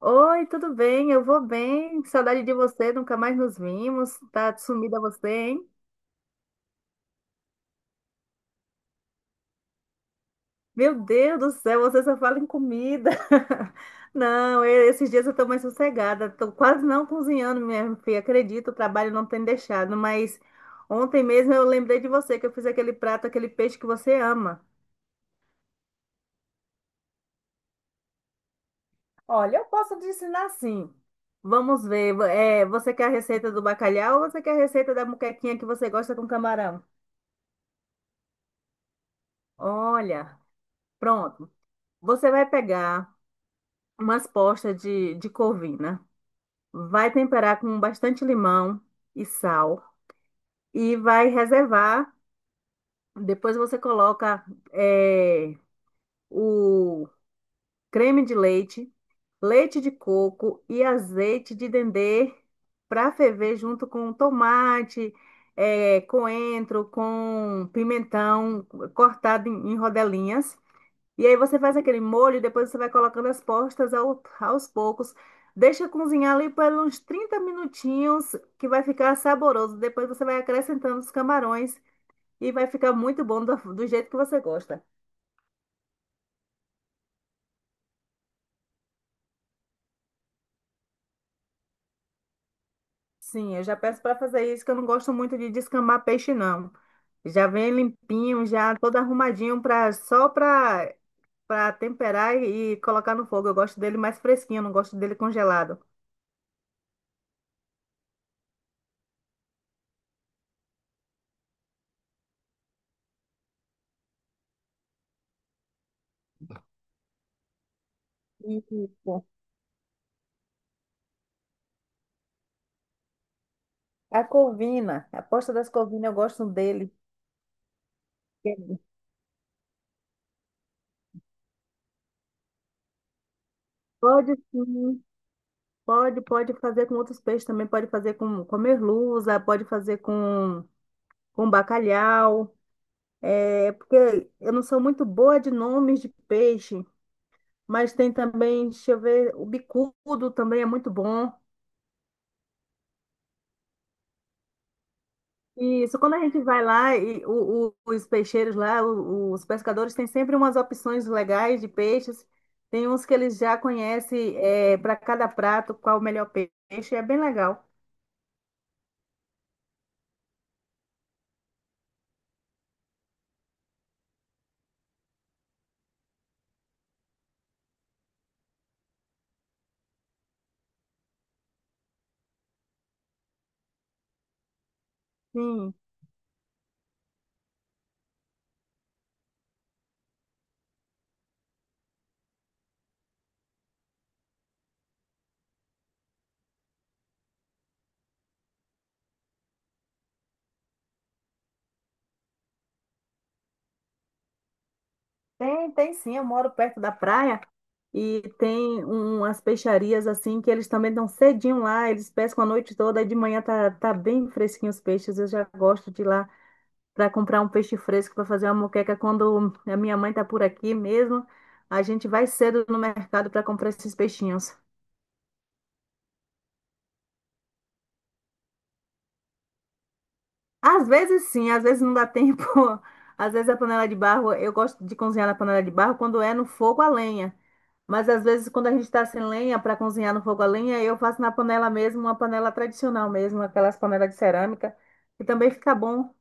Oi, tudo bem? Eu vou bem. Saudade de você, nunca mais nos vimos. Tá sumida você, hein? Meu Deus do céu, você só fala em comida. Não, esses dias eu tô mais sossegada. Tô quase não cozinhando, minha filha. Acredito, o trabalho não tem deixado. Mas ontem mesmo eu lembrei de você, que eu fiz aquele prato, aquele peixe que você ama. Olha, eu posso te ensinar sim. Vamos ver. É, você quer a receita do bacalhau ou você quer a receita da muquequinha que você gosta com camarão? Olha, pronto. Você vai pegar umas postas de corvina, vai temperar com bastante limão e sal e vai reservar. Depois você coloca eh, o creme de leite, leite de coco e azeite de dendê para ferver junto com tomate, coentro, com pimentão cortado em rodelinhas. E aí você faz aquele molho, depois você vai colocando as postas aos poucos. Deixa cozinhar ali por uns 30 minutinhos, que vai ficar saboroso. Depois você vai acrescentando os camarões e vai ficar muito bom do jeito que você gosta. Sim, eu já peço para fazer isso, que eu não gosto muito de descamar peixe, não. Já vem limpinho, já todo arrumadinho para só para para temperar e colocar no fogo. Eu gosto dele mais fresquinho, eu não gosto dele congelado. Isso. A corvina, a posta das corvinas, eu gosto dele. Pode sim, pode, pode fazer com outros peixes também, pode fazer com merluza, pode fazer com bacalhau, é, porque eu não sou muito boa de nomes de peixe, mas tem também, deixa eu ver, o bicudo também é muito bom. Isso, quando a gente vai lá, e os peixeiros lá, os pescadores têm sempre umas opções legais de peixes, tem uns que eles já conhecem, é, para cada prato, qual o melhor peixe, é bem legal. Sim. Tem, tem sim, eu moro perto da praia e tem umas peixarias assim que eles também dão cedinho lá, eles pescam a noite toda e de manhã tá, tá bem fresquinho os peixes. Eu já gosto de ir lá para comprar um peixe fresco para fazer uma moqueca quando a minha mãe tá por aqui mesmo. A gente vai cedo no mercado para comprar esses peixinhos. Às vezes sim, às vezes não dá tempo. Às vezes a panela de barro, eu gosto de cozinhar na panela de barro quando é no fogo a lenha. Mas às vezes, quando a gente está sem lenha para cozinhar no fogo a lenha, eu faço na panela mesmo, uma panela tradicional mesmo, aquelas panelas de cerâmica, que também fica bom.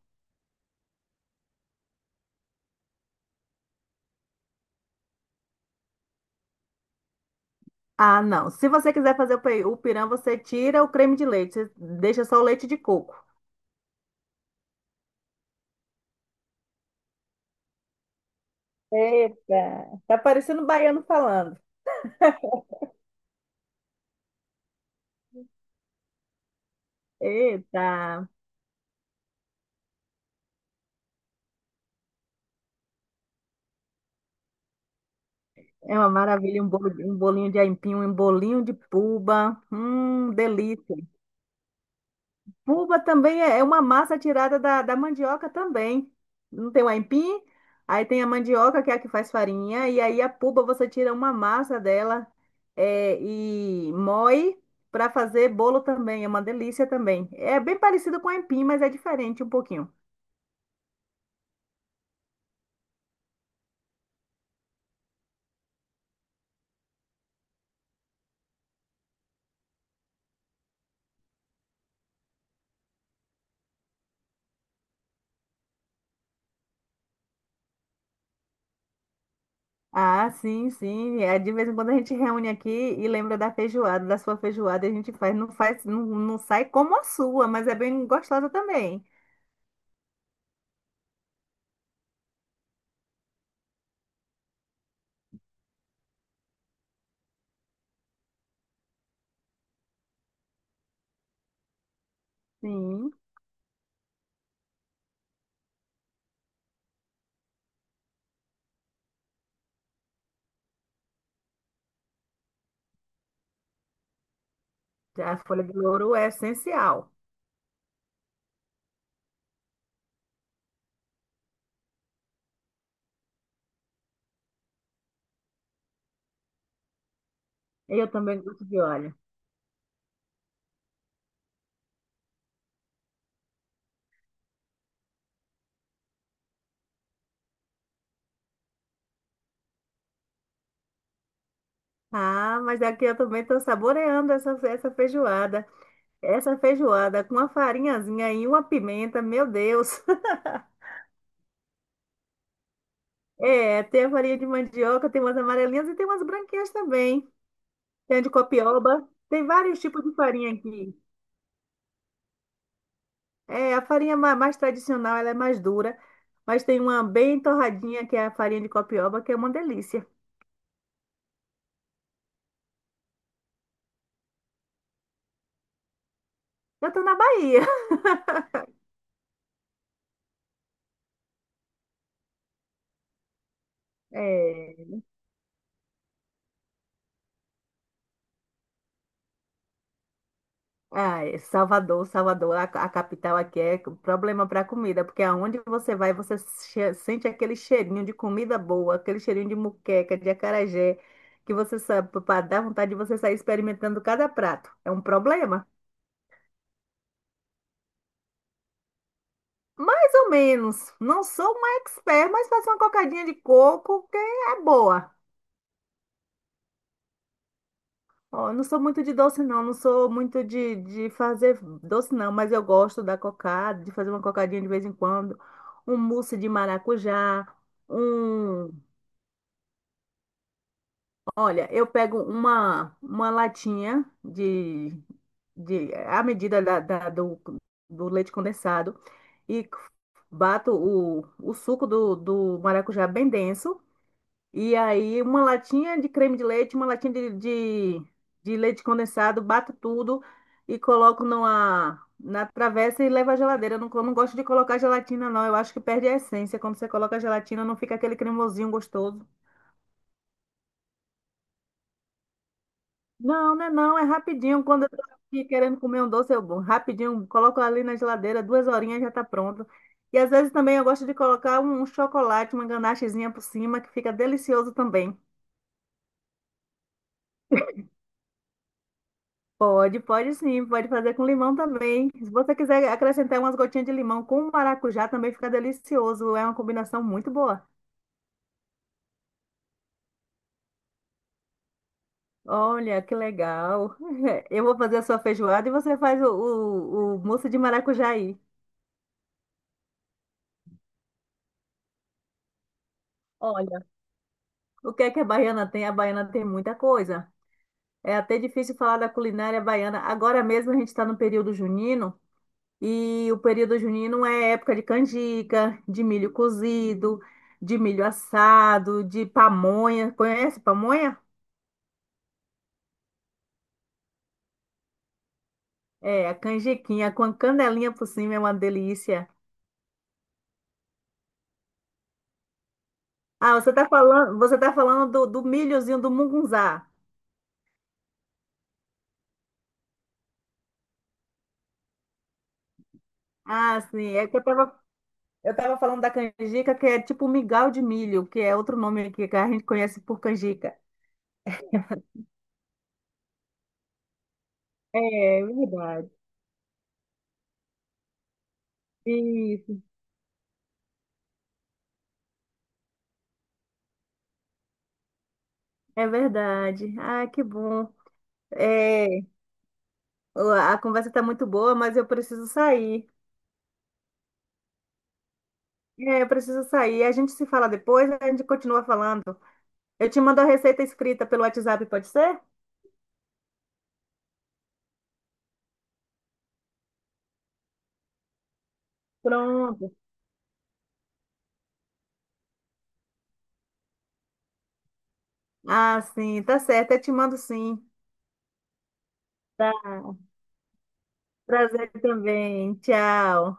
Ah, não. Se você quiser fazer o pirão, você tira o creme de leite, você deixa só o leite de coco. Eita, tá parecendo um baiano falando. Eita, é uma maravilha, um bolinho de aipim, um bolinho de puba. Delícia. Puba também é uma massa tirada da mandioca também. Não tem o aipim? Aí tem a mandioca, que é a que faz farinha, e aí a puba você tira uma massa dela é, e moe para fazer bolo também. É uma delícia também. É bem parecido com o aipim, mas é diferente um pouquinho. Ah, sim, sim. É, de vez em quando a gente reúne aqui e lembra da feijoada, da sua feijoada, e a gente faz, não, não sai como a sua, mas é bem gostosa também. Sim, a folha de louro é essencial. Eu também gosto de óleo. Ah, mas aqui eu também estou saboreando essa feijoada. Essa feijoada com uma farinhazinha e uma pimenta, meu Deus. É, tem a farinha de mandioca, tem umas amarelinhas e tem umas branquinhas também. Tem a de copioba, tem vários tipos de farinha aqui. É, mais tradicional, ela é mais dura, mas tem uma bem torradinha, que é a farinha de copioba, que é uma delícia. Eu estou na Bahia. É. Ah, é Salvador, Salvador, a capital aqui é um problema para comida, porque aonde você vai, você sente aquele cheirinho de comida boa, aquele cheirinho de muqueca, de acarajé, que você sabe, para dar vontade de você sair experimentando cada prato. É um problema. Mais ou menos. Não sou uma expert, mas faço uma cocadinha de coco que é boa. Ó, eu não sou muito de doce, não. Não sou muito de fazer doce, não. Mas eu gosto da cocada, de fazer uma cocadinha de vez em quando. Um mousse de maracujá. Um... Olha, eu pego uma latinha A medida do leite condensado. E bato o suco do maracujá bem denso. E aí, uma latinha de creme de leite, uma latinha de leite condensado, bato tudo e coloco numa, na travessa e levo à geladeira. Eu não gosto de colocar gelatina, não. Eu acho que perde a essência. Quando você coloca a gelatina, não fica aquele cremosinho gostoso. Não, né? Não, é rapidinho. Quando eu tô aqui querendo comer um doce, eu rapidinho coloco ali na geladeira, duas horinhas já tá pronto. E às vezes também eu gosto de colocar um chocolate, uma ganachezinha por cima, que fica delicioso também. Pode, pode sim, pode fazer com limão também. Se você quiser acrescentar umas gotinhas de limão com maracujá, também fica delicioso. É uma combinação muito boa. Olha, que legal. Eu vou fazer a sua feijoada e você faz o mousse de maracujá aí. Olha, o que é que a baiana tem? A baiana tem muita coisa. É até difícil falar da culinária baiana. Agora mesmo a gente está no período junino. E o período junino é época de canjica, de milho cozido, de milho assado, de pamonha. Conhece pamonha? É, a canjiquinha com a canelinha por cima é uma delícia. Ah, você está falando, você tá falando do milhozinho do mungunzá. Ah, sim, é que eu tava falando da canjica, que é tipo migal de milho, que é outro nome aqui que a gente conhece por canjica. É verdade. Isso, é verdade. Ah, que bom. É. A conversa está muito boa, mas eu preciso sair. É, eu preciso sair. A gente se fala depois, a gente continua falando. Eu te mando a receita escrita pelo WhatsApp, pode ser? Pronto. Ah, sim, tá certo. Eu te mando sim. Tá. Prazer também. Tchau.